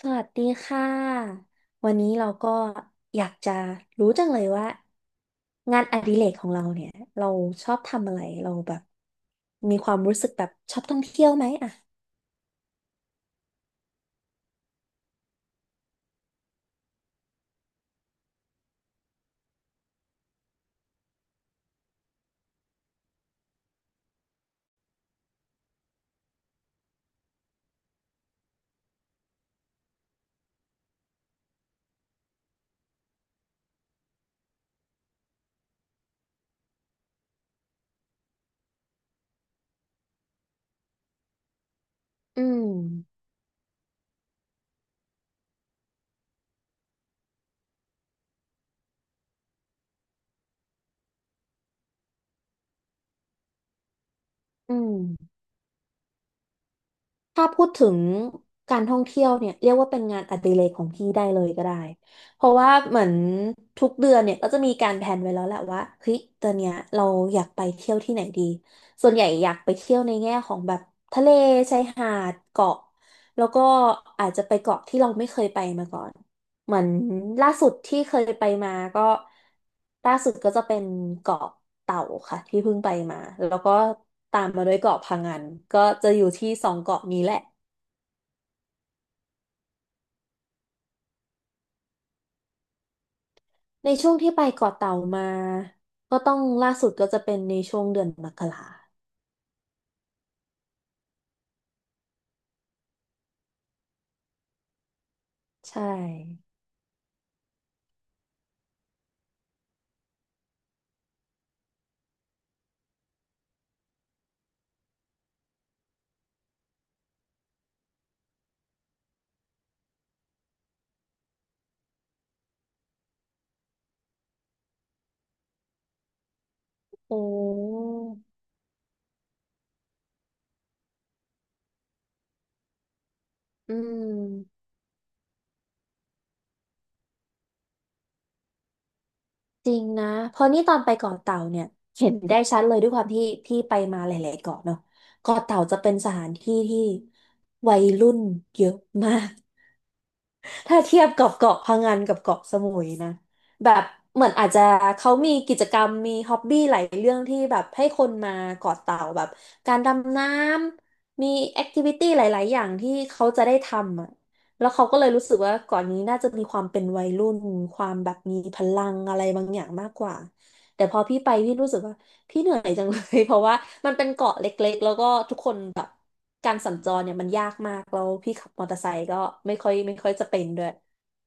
สวัสดีค่ะวันนี้เราก็อยากจะรู้จังเลยว่างานอดิเรกของเราเนี่ยเราชอบทำอะไรเราแบบมีความรู้สึกแบบชอบท่องเที่ยวไหมอ่ะอืมอืม ถ้าพูดถึงการท่องเที่ยวเนี่ยเรียกว่าเป็นงานอดิเรกของพี่ได้เลยก็ได้ เพราะว่าเหมือนทุกเดือนเนี่ยก็จะมีการแผนไว้แล้วแหละว่าเฮ้ยตอนเนี้ยเราอยากไปเที่ยวที่ไหนดี ส่วนใหญ่อยากไปเที่ยวในแง่ของแบบทะเลชายหาดเกาะแล้วก็อาจจะไปเกาะที่เราไม่เคยไปมาก่อน เหมือนล่าสุดที่เคยไปมาก็ล่าสุดก็จะเป็นเกาะเต่าค่ะที่เพิ่งไปมาแล้วก็ตามมาด้วยเกาะพะงันก็จะอยู่ที่สองเกาะนี้แหละในช่วงที่ไปเกาะเต่ามาก็ต้องล่าสุดก็จะเป็นในช่วงเดือนมกราใช่โอ้อืมจริงนะเพราะนี่ตอนไปเกาะเต่าเนี่ยเห็นได้ชัดเลยด้วยความที่พี่ไปมาหลายๆเกาะเนาะเกาะเต่าจะเป็นสถานที่ที่วัยรุ่นเยอะมาก ถ้าเทียบกับเกาะพะงันกับเกาะสมุยนะแบบเหมือนอาจจะเขามีกิจกรรมมีฮ็อบบี้หลายเรื่องที่แบบให้คนมาเกาะเต่าแบบการดำน้ำมีแอคทิวิตี้หลายๆอย่างที่เขาจะได้ทำอ่ะแล้วเขาก็เลยรู้สึกว่าเก่อนนี้น่าจะมีความเป็นวัยรุ่นความแบบมีพลังอะไรบางอย่างมากกว่าแต่พอพี่ไปพี่รู้สึกว่า พี่เหนื่อยจังเลย เพราะว่ามันเป็นเกาะเล็กๆ แล้วก็ทุกคนแบบการสัญจรเนี่ยมันยากมากแล้วพี่ขับมอเตอร์ไซค์ก็ไม่ค่อยจะเป็นด้วย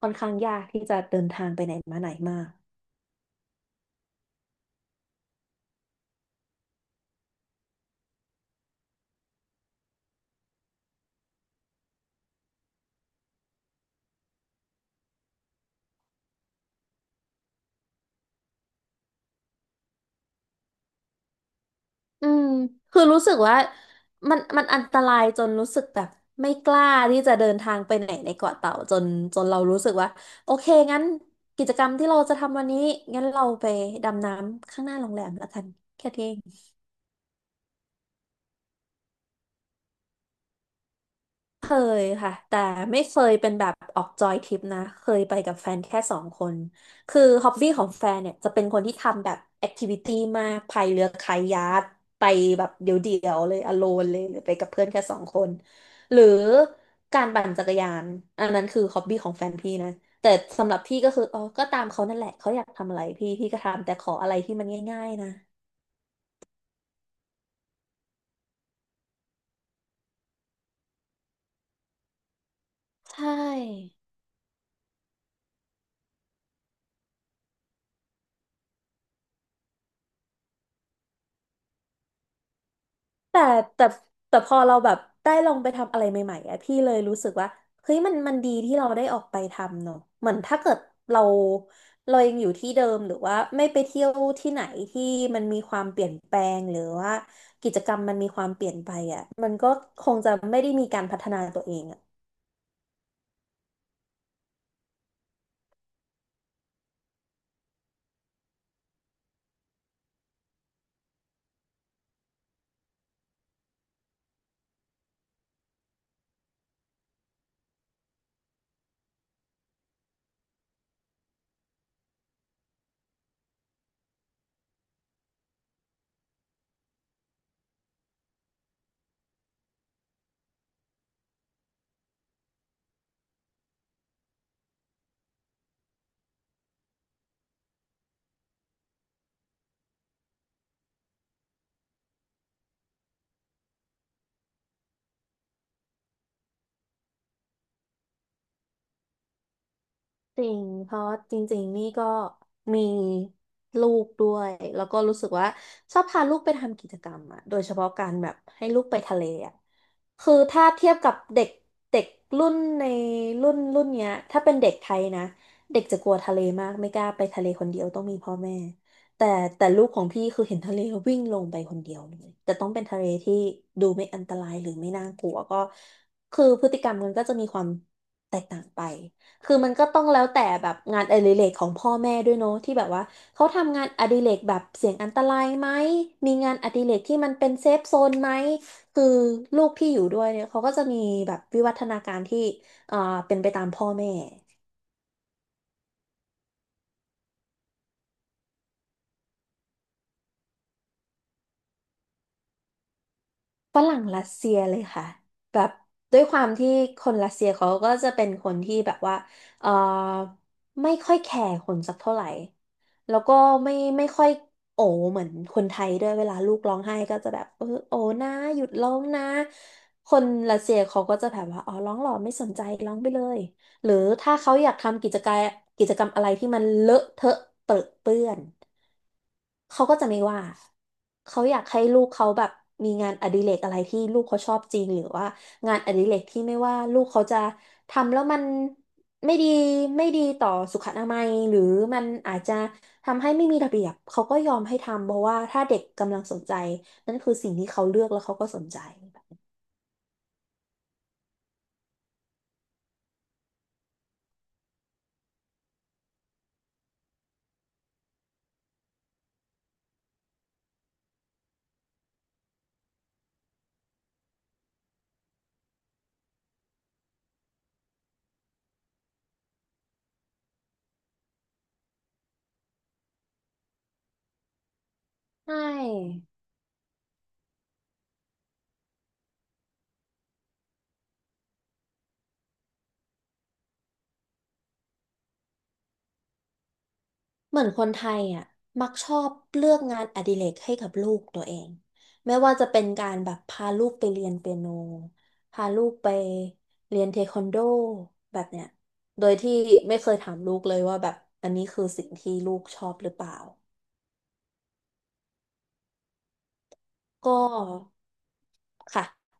ค่อนข้างยากที่จะเดินทางไปไหนมาไหนมากอืมคือรู้สึกว่ามันอันตรายจนรู้สึกแบบไม่กล้าที่จะเดินทางไปไหนในเกาะเต่าจนเรารู้สึกว่าโอเคงั้นกิจกรรมที่เราจะทำวันนี้งั้นเราไปดำน้ำข้างหน้าโรงแรมแล้วกันแค่นี้ เคยค่ะแต่ไม่เคยเป็นแบบออกจอยทริปนะเคยไปกับแฟนแค่สองคนคือฮอบบี้ของแฟนเนี่ยจะเป็นคนที่ทำแบบแอคทิวิตี้มากพายเรือคายัคไปแบบเดี่ยวๆเลยอโลนเลยหรือไปกับเพื่อนแค่สองคนหรือการปั่นจักรยานอันนั้นคือฮอบบี้ของแฟนพี่นะแต่สำหรับพี่ก็คืออ๋อก็ตามเขานั่นแหละเขาอยากทำอะไรพี่พี่ก็ทำแต่ขออะไรที่มันง่ายๆนะใช่ แต่แต่แต่พอเราแบบได้ลองไปทำอะไรใหม่ๆอะพี่เลยรู้สึกว่าเฮ้ยมันมันดีที่เราได้ออกไปทำเนอะเหมือนถ้าเกิดเราเรายังอยู่ที่เดิมหรือว่าไม่ไปเที่ยวที่ไหนที่มันมีความเปลี่ยนแปลงหรือว่ากิจกรรมมันมีความเปลี่ยนไปอะมันก็คงจะไม่ได้มีการพัฒนาตัวเองอะ จริงเพราะจริงๆนี่ก็มีลูกด้วยแล้วก็รู้สึกว่าชอบพาลูกไปทำกิจกรรมอะโดยเฉพาะการแบบให้ลูกไปทะเลอะคือถ้าเทียบกับเด็กเด็กรุ่นในรุ่นรุ่นเนี้ยถ้าเป็นเด็กไทยนะเด็กจะกลัวทะเลมากไม่กล้าไปทะเลคนเดียวต้องมีพ่อแม่แต่แต่ลูกของพี่คือเห็นทะเลแล้ววิ่งลงไปคนเดียวเลยแต่ต้องเป็นทะเลที่ดูไม่อันตรายหรือไม่น่ากลัวก็คือพฤติกรรมมันก็จะมีความแตกต่างไป คือมันก็ต้องแล้วแต่แบบงานอดิเรกของพ่อแม่ด้วยเนาะที่แบบว่าเขาทำงานอดิเรกแบบเสี่ยงอันตรายไหมมีงานอดิเรกที่มันเป็นเซฟโซนไหมคือลูกที่อยู่ด้วยเนี่ยเขาก็จะมีแบบวิวัฒนาการที่เอ่อเป็นไปตามพ่อแม่ ฝรั่งรัสเซียเลยค่ะแบบด้วยความที่คนรัสเซียเขาก็จะเป็นคนที่แบบว่าเออไม่ค่อยแคร์คนสักเท่าไหร่แล้วก็ไม่ไม่ค่อยโอเหมือนคนไทยด้วยเวลาลูกร้องไห้ก็จะแบบเออโอนะหยุดร้องนะคนรัสเซียเขาก็จะแบบว่าอ๋อร้องหรอไม่สนใจร้องไปเลยหรือถ้าเขาอยากทำกิจกรรมกิจกรรมอะไรที่มันเลอะเทอะเปรอะเปื้อน เขาก็จะไม่ว่าเขาอยากให้ลูกเขาแบบมีงานอดิเรกอะไรที่ลูกเขาชอบจริงหรือว่างานอดิเรกที่ไม่ว่าลูกเขาจะทำแล้วมันไม่ดีไม่ดีต่อสุขอนามัยหรือมันอาจจะทำให้ไม่มีระเบียบเขาก็ยอมให้ทำเพราะว่าถ้าเด็กกำลังสนใจนั่นคือสิ่งที่เขาเลือกแล้วเขาก็สนใจใช่ เหมือนคนไทยอ่ะมักชอบเลือกงานอดิเรกให้กับลูกตัวเองไม่ว่าจะเป็นการแบบพาลูกไปเรียนเปียโนพาลูกไปเรียนเทควันโดแบบเนี้ยโดยที่ไม่เคยถามลูกเลยว่าแบบอันนี้คือสิ่งที่ลูกชอบหรือเปล่าก็ค่ะ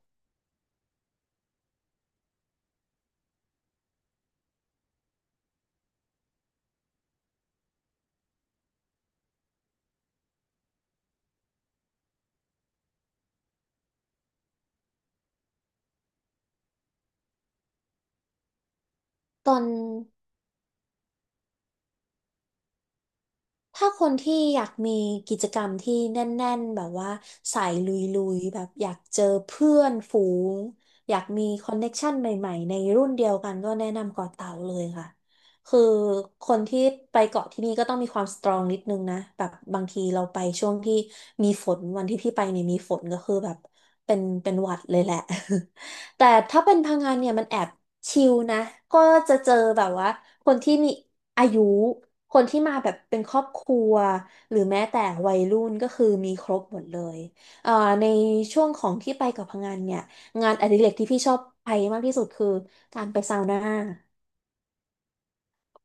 ตอน ถ้าคนที่อยากมีกิจกรรมที่แน่นๆแบบว่าสายลุยๆแบบอยากเจอเพื่อนฝูงอยากมีคอนเน็กชันใหม่ๆในรุ่นเดียวกันก็แนะนำเกาะเต่าเลยค่ะคือคนที่ไปเกาะที่นี่ก็ต้องมีความสตรองนิดนึงนะแบบบางทีเราไปช่วงที่มีฝนวันที่พี่ไปเนี่ยมีฝนก็คือแบบเป็นหวัดเลยแหละ แต่ถ้าเป็นพังงานเนี่ยมันแอบชิลนะก็จะเจอแบบว่าคนที่มีอายุ คนที่มาแบบเป็นครอบครัวหรือแม้แต่วัยรุ่นก็คือมีครบหมดเลยเอ่อในช่วงของที่ไปกับพังงานเนี่ยงานอดิเรกที่พี่ชอบไปมากที่สุดคือการไปซาวน่า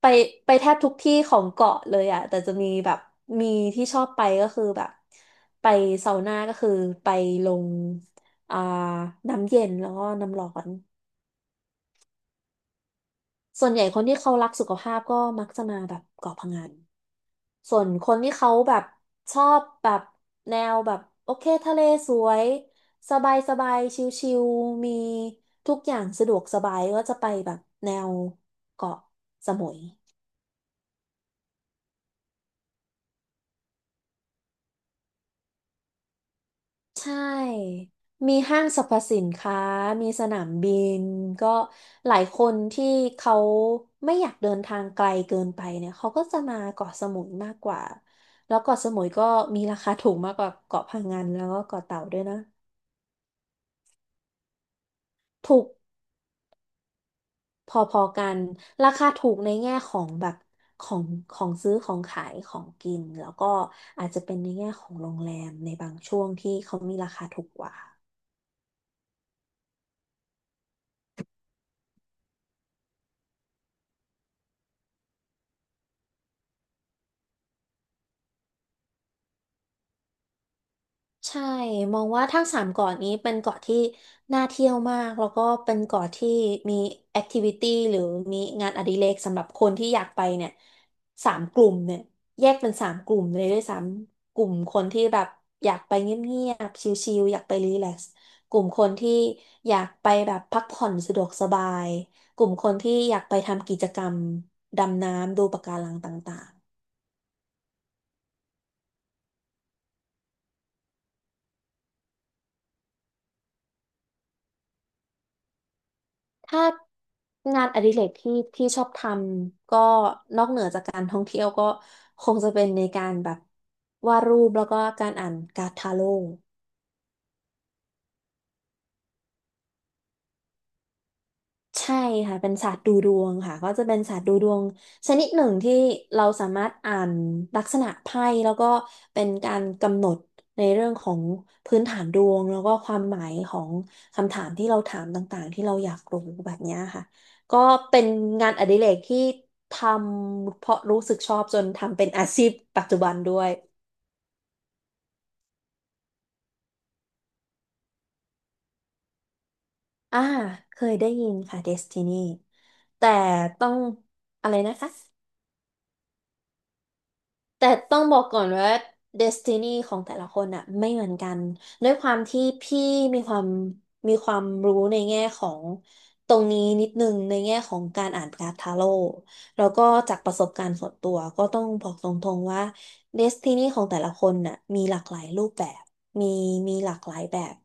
ไปไปแทบทุกที่ของเกาะเลยอะแต่จะมีแบบมีที่ชอบไปก็คือแบบไปซาวน่าก็คือไปลงอ่าน้ำเย็นแล้วก็น้ำร้อนส่วนใหญ่คนที่เขารักสุขภาพก็มักจะมาแบบเกาะพะงัน ส่วนคนที่เขาแบบชอบแบบแนวแบบโอเคทะเลสวยสบายสบายชิลๆมีทุกอย่างสะดวกสบายก็จะไปแบบแนวเกาะสมุยใช่มีห้างสรรพสินค้ามีสนามบินก็หลายคนที่เขาไม่อยากเดินทางไกลเกินไปเนี่ยเขาก็จะมาเกาะสมุยมากกว่าแล้วเกาะสมุยก็มีราคาถูกมากกว่าเกาะพะงันแล้วก็เกาะเต่าด้วยนะถูก พอๆกัน ราคาถูกในแง่ของแบบของของซื้อของขายของกินแล้วก็อาจจะเป็นในแง่ของโรงแรมในบางช่วงที่เขามีราคาถูกกว่า ใช่ มองว่าทั้งสามเกาะนี้เป็นเกาะที่น่าเที่ยวมาก แล้วก็เป็นเกาะที่มีแอคทิวิตี้หรือมีงานอดิเรกสำหรับคนที่อยากไปเนี่ยสามกลุ่มเนี่ยแยกเป็นสามกลุ่มเลยด้วยซ้ำกลุ่มคนที่แบบอยากไปเงียบๆชิลๆอยากไปรีแลกซ์กลุ่มคนที่อยากไปแบบพักผ่อนสะดวกสบายกลุ่มคนที่อยากไปทำกิจกรรมดำน้ำดูปะการังต่างๆ ถ้างานอดิเรกที่พี่ชอบทำก็นอกเหนือจากการท่องเที่ยวก็คงจะเป็นในการแบบวาดรูปแล้วก็การอ่านการ์ดทาโร่ ใช่ค่ะเป็นศาสตร์ดูดวงค่ะก็จะเป็นศาสตร์ดูดวงชนิดหนึ่งที่เราสามารถอ่านลักษณะไพ่แล้วก็เป็นการกำหนดในเรื่องของพื้นฐานดวงแล้วก็ความหมายของคำถามที่เราถามต่างๆที่เราอยากรู้แบบเนี้ยค่ะก็เป็นงานอดิเรกที่ทำเพราะรู้สึกชอบจนทำเป็นอาชีพปัจจุบันด้วยอ่าเคยได้ยินค่ะ Destiny แต่ต้องอะไรนะคะ แต่ต้องบอกก่อนว่าเดสตินีของแต่ละคนอะไม่เหมือนกันด้วยความที่พี่มีความมีความรู้ในแง่ของตรงนี้นิดนึงในแง่ของการอ่านการ์ดทาโร่แล้วก็จากประสบการณ์ส่วนตัวก็ต้องบอกตรงๆว่าเดสตินีของแต่ละคนน่ะมีหลากหลายรูปแบบมีมีหลากหลายแบบ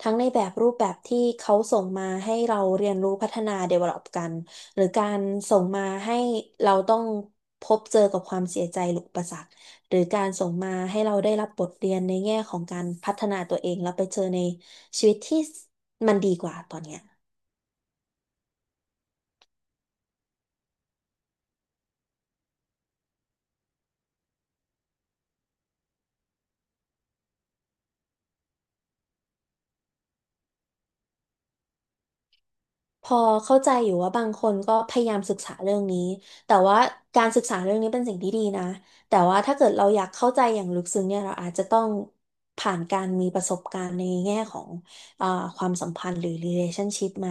ทั้งในแบบรูปแบบที่เขาส่งมาให้เราเรียนรู้พัฒนา develop กัน หรือการส่งมาให้เราต้องพบเจอกับความเสียใจหรืออุปสรรคหรือการส่งมาให้เราได้รับบทเรียนในแง่ของการพัฒนาตัวเองแล้วไปเจอในชีวิตที่มันดีกว่าตอนเนี้ย พอเข้าใจอยู่ว่าบางคนก็พยายามศึกษาเรื่องนี้แต่ว่าการศึกษาเรื่องนี้เป็นสิ่งที่ดีนะแต่ว่าถ้าเกิดเราอยากเข้าใจอย่างลึกซึ้งเนี่ยเราอาจจะต้องผ่านการมีประสบการณ์ในแง่ของอ่าความสัมพันธ์หรือ relationship มา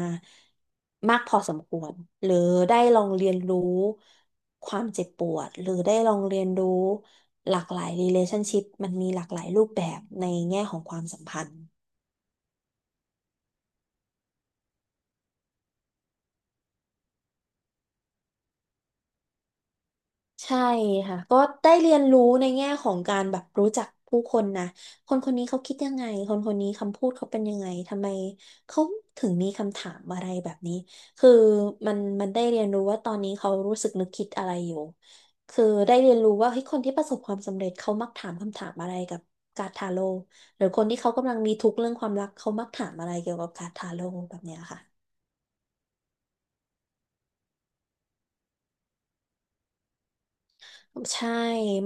มากพอสมควรหรือได้ลองเรียนรู้ความเจ็บปวดหรือได้ลองเรียนรู้หลากหลาย relationship มันมีหลากหลายรูปแบบในแง่ของความสัมพันธ์ ใช่ค่ะก็ได้เรียนรู้ในแง่ของการแบบรู้จักผู้คนนะคนคนนี้เขาคิดยังไงคนคนนี้คำพูดเขาเป็นยังไงทำไมเขาถึงมีคำถามอะไรแบบนี้คือมันได้เรียนรู้ว่าตอนนี้เขารู้สึกนึกคิดอะไรอยู่คือได้เรียนรู้ว่าเฮ้ยคนที่ประสบความสำเร็จเขามักถามคำถามอะไรกับการ์ดทาโร่หรือคนที่เขากำลังมีทุกข์เรื่องความรักเขามักถามอะไรเกี่ยวกับการ์ดทาโร่แบบเนี้ยค่ะใช่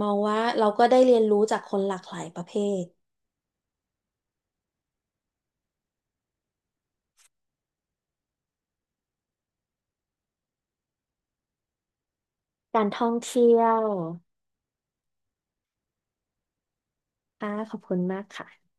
มองว่าเราก็ได้เรียนรู้จากคนหลากหลายประเภท การท่องเที่ยวค่ะขอบคุณมากค่ะ